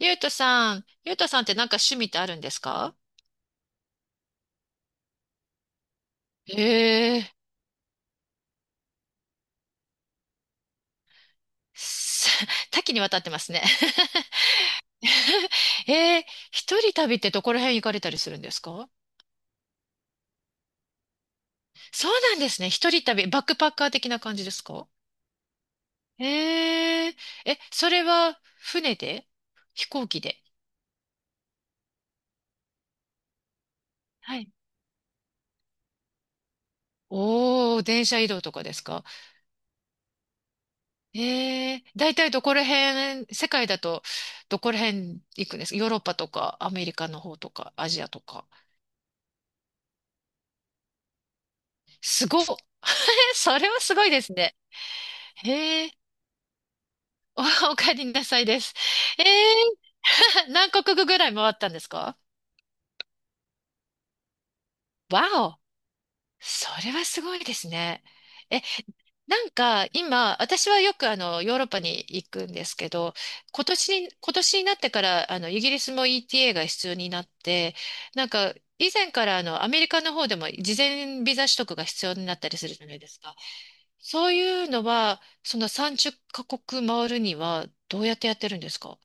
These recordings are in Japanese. ゆうとさんってなんか趣味ってあるんですか？ええ、す 多岐にわたってますね。ええ、一人旅ってどこら辺行かれたりするんですか？そうなんですね。一人旅、バックパッカー的な感じですか？ええ、え、それは船で？飛行機で？はい。おー、電車移動とかですか？ええ、だいたいどこら辺、世界だとどこら辺行くんですか？ヨーロッパとかアメリカの方とかアジアとか。すごっ。それはすごいですね。へえ、お帰りなさいです。ええ、 何カ国ぐらい回ったんですか？わお、それはすごいですね。え、なんか今、私はよくヨーロッパに行くんですけど、今年になってから、イギリスも ETA が必要になって、なんか、以前からアメリカの方でも事前ビザ取得が必要になったりするじゃないですか。そういうのは、その30カ国回るにはどうやってやってるんですか？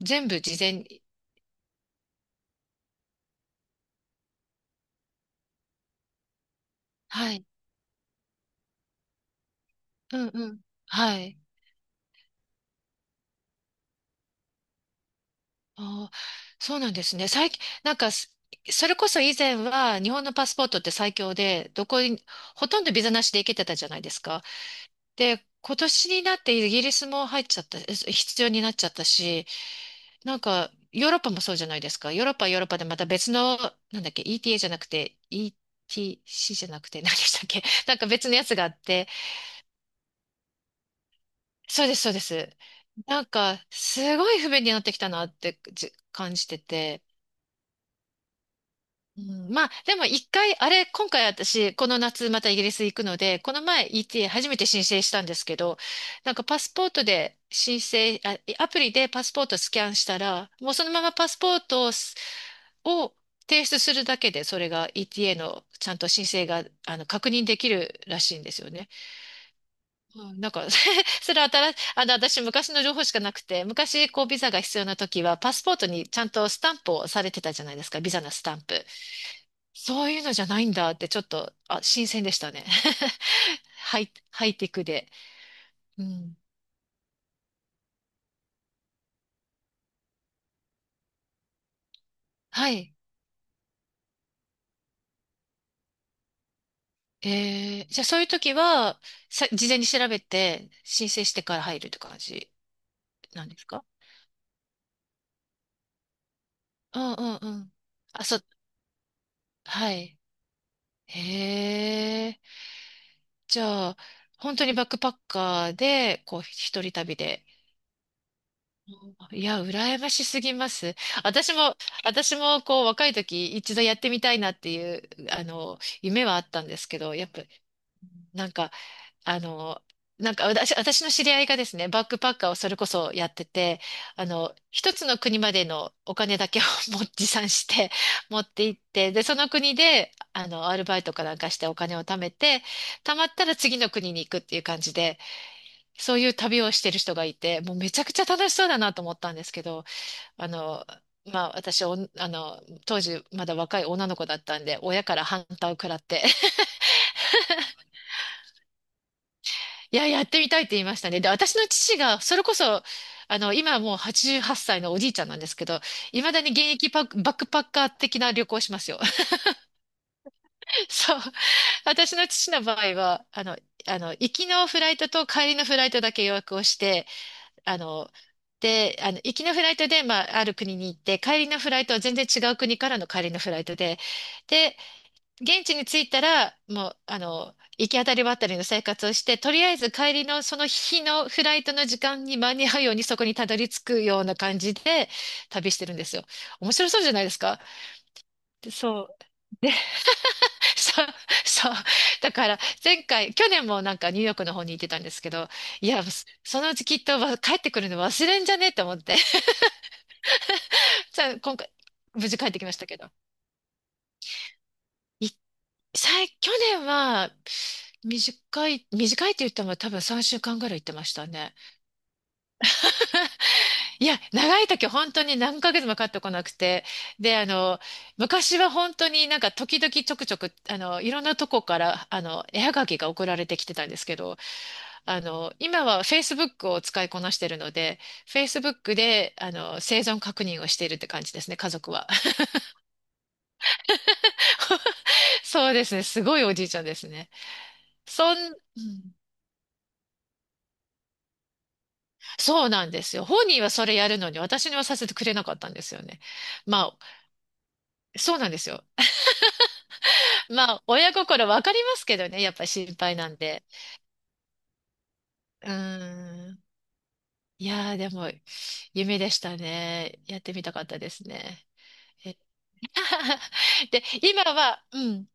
全部事前に。はい。うんうん。はい。あー、そうなんですね。最近、なんかす、それこそ以前は日本のパスポートって最強で、どこに、ほとんどビザなしで行けてたじゃないですか。で、今年になってイギリスも入っちゃった、必要になっちゃったし、なんか、ヨーロッパもそうじゃないですか。ヨーロッパはヨーロッパでまた別の、なんだっけ、ETA じゃなくて、ETC じゃなくて、何でしたっけ。なんか別のやつがあって、そうです、そうです。なんか、すごい不便になってきたなって感じてて、うん、まあ、でも一回、あれ、今回私、この夏またイギリス行くので、この前 ETA 初めて申請したんですけど、なんかパスポートで申請、あ、アプリでパスポートスキャンしたら、もうそのままパスポートを提出するだけで、それが ETA のちゃんと申請が、確認できるらしいんですよね。うん、なんか それは新し、あの、私昔の情報しかなくて、昔こうビザが必要な時は、パスポートにちゃんとスタンプをされてたじゃないですか、ビザのスタンプ。そういうのじゃないんだってちょっと、あ、新鮮でしたね。ハイテクで。うん。はい。じゃあそういう時は、事前に調べて申請してから入るって感じなんですか？うんうんうん。あ、そう、はい。へえ。じゃあ、本当にバックパッカーで、こう、一人旅で。いや、羨ましすぎます。私も、私も、こう、若い時、一度やってみたいなっていう、夢はあったんですけど、やっぱ、なんか、あの、なんか私の知り合いがですね、バックパッカーをそれこそやってて、一つの国までのお金だけを 持参して持って行って、で、その国で、アルバイトかなんかしてお金を貯めて、貯まったら次の国に行くっていう感じで、そういう旅をしてる人がいて、もうめちゃくちゃ楽しそうだなと思ったんですけど、あの、まあ私おあの、当時まだ若い女の子だったんで、親から反対を食らって、いや、やってみたいって言いましたね。で、私の父が、それこそ、今はもう88歳のおじいちゃんなんですけど、いまだに現役バックパッカー的な旅行をしますよ。そう。私の父の場合は、行きのフライトと帰りのフライトだけ予約をして、あの、で、行きのフライトで、まあ、ある国に行って、帰りのフライトは全然違う国からの帰りのフライトで、現地に着いたら、もう、行き当たりばったりの生活をして、とりあえず帰りのその日のフライトの時間に間に合うようにそこにたどり着くような感じで旅してるんですよ。面白そうじゃないですか。でそう。で、そう、そう。だから、前回、去年もなんかニューヨークの方に行ってたんですけど、いや、そのうちきっと帰ってくるの忘れんじゃねえと思って。じゃあ、今回、無事帰ってきましたけど。去年は、短いって言っても多分3週間ぐらい行ってましたね。いや、長い時本当に何ヶ月も帰ってこなくて。で、昔は本当になんか時々ちょくちょく、いろんなとこから、絵はがきが送られてきてたんですけど、今は Facebook を使いこなしてるので、Facebook で、生存確認をしているって感じですね、家族は。そうですね、すごいおじいちゃんですね。うん、そうなんですよ。本人はそれやるのに、私にはさせてくれなかったんですよね。まあ、そうなんですよ。まあ、親心わかりますけどね、やっぱり心配なんで。うーん。いやー、でも、夢でしたね。やってみたかったですね。え で、今は、うん。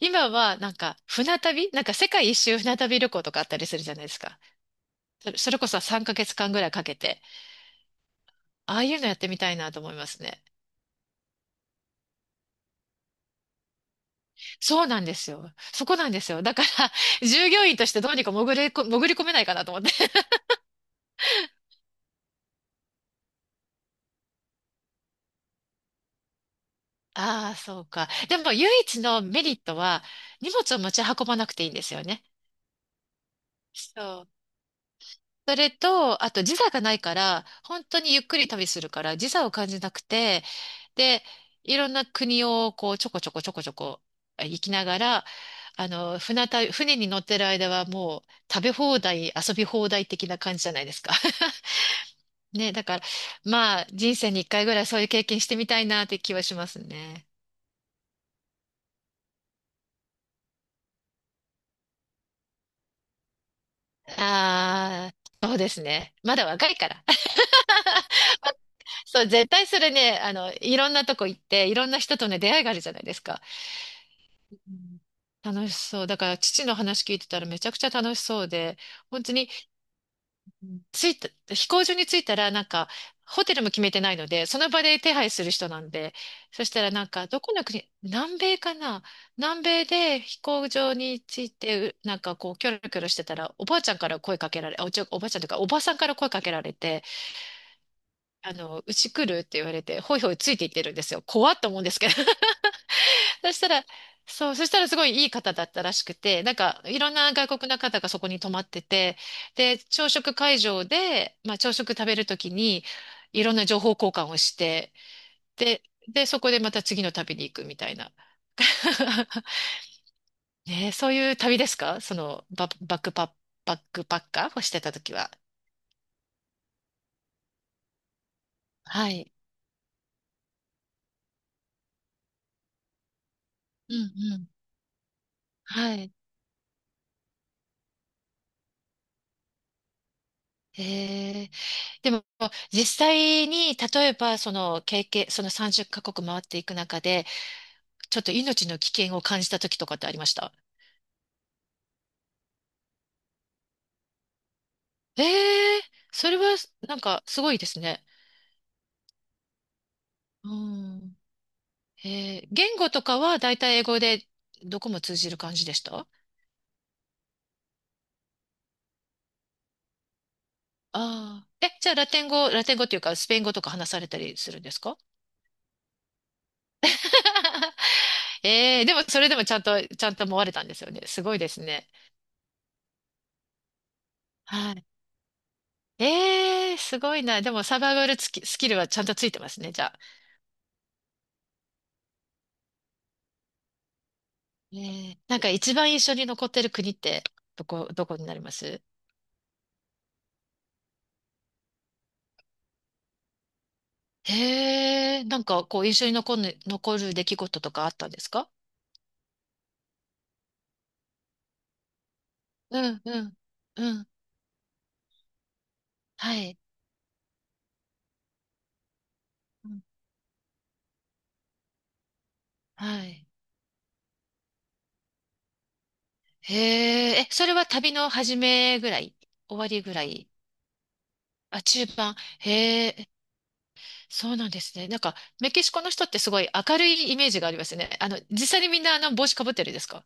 今は、なんか、船旅なんか世界一周船旅旅行とかあったりするじゃないですか。それこそ3ヶ月間ぐらいかけて、ああいうのやってみたいなと思いますね。そうなんですよ。そこなんですよ。だから、従業員としてどうにか潜れこ、潜り込めないかなと思って。ああ、そうか。でも、唯一のメリットは、荷物を持ち運ばなくていいんですよね。そう。それと、あと時差がないから、本当にゆっくり旅するから、時差を感じなくて、で、いろんな国をこう、ちょこちょこちょこちょこ行きながら、船旅、船に乗ってる間はもう、食べ放題、遊び放題的な感じじゃないですか。ね、だから、まあ、人生に一回ぐらいそういう経験してみたいなって気はしますね。ああ、そうですね。まだ若いから。そう、絶対それね、いろんなとこ行って、いろんな人とね、出会いがあるじゃないですか。うん、楽しそう。だから、父の話聞いてたらめちゃくちゃ楽しそうで、本当に着いた、飛行場に着いたら、なんか、ホテルも決めてないので、その場で手配する人なんで、そしたらなんか、どこの国、南米かな、南米で飛行場に着いて、なんかこう、キョロキョロしてたら、おばあちゃんから声かけられ、おばあちゃんというか、おばさんから声かけられて、うち来るって言われて、ほいほいついていってるんですよ。怖っと思うんですけど、そしたら、そう、そしたらすごいいい方だったらしくて、なんかいろんな外国の方がそこに泊まってて、で、朝食会場で、まあ朝食食べるときにいろんな情報交換をして、で、そこでまた次の旅に行くみたいな。ねえ、そういう旅ですか、そのバックパッカーをしてたときは。はい。うんうん。はい。えー、でも実際に例えばその経験、その30カ国回っていく中でちょっと命の危険を感じた時とかってありました？ええ、それはなんかすごいですね。うん。言語とかはだいたい英語でどこも通じる感じでしたあ？あー。え、じゃあラテン語、ラテン語っていうかスペイン語とか話されたりするんですか？ ええ、でもそれでもちゃんと思われたんですよね。すごいですね。はい。ええ、すごいな。でもサバイバルつきスキルはちゃんとついてますね、じゃあ。ええ、なんか一番印象に残ってる国ってどこになります？へえ、なんかこう印象に残る出来事とかあったんですか？うんうん。うん。はい。うん、はい。へえ、え、それは旅の始めぐらい？終わりぐらい？あ、中盤。へえ、そうなんですね。なんか、メキシコの人ってすごい明るいイメージがありますよね。実際にみんなあの帽子かぶってるんですか？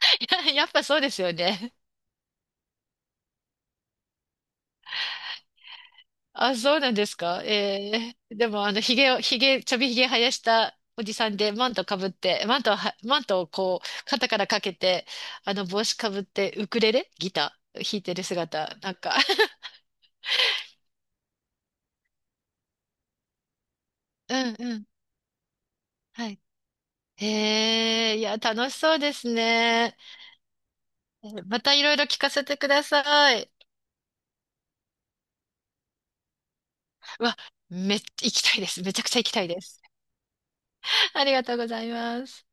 いや、やっぱそうですよね。あ、そうなんですか。ええ、でも、ひげを、ひげ、ちょびひげ生やしたおじさんで、マントかぶって、マントをこう、肩からかけて、帽子かぶって、ウクレレ、ギター弾いてる姿、なんか うんうん。はい。へえ、いや、楽しそうですね。またいろいろ聞かせてください。うわ、行きたいです。めちゃくちゃ行きたいです。ありがとうございます。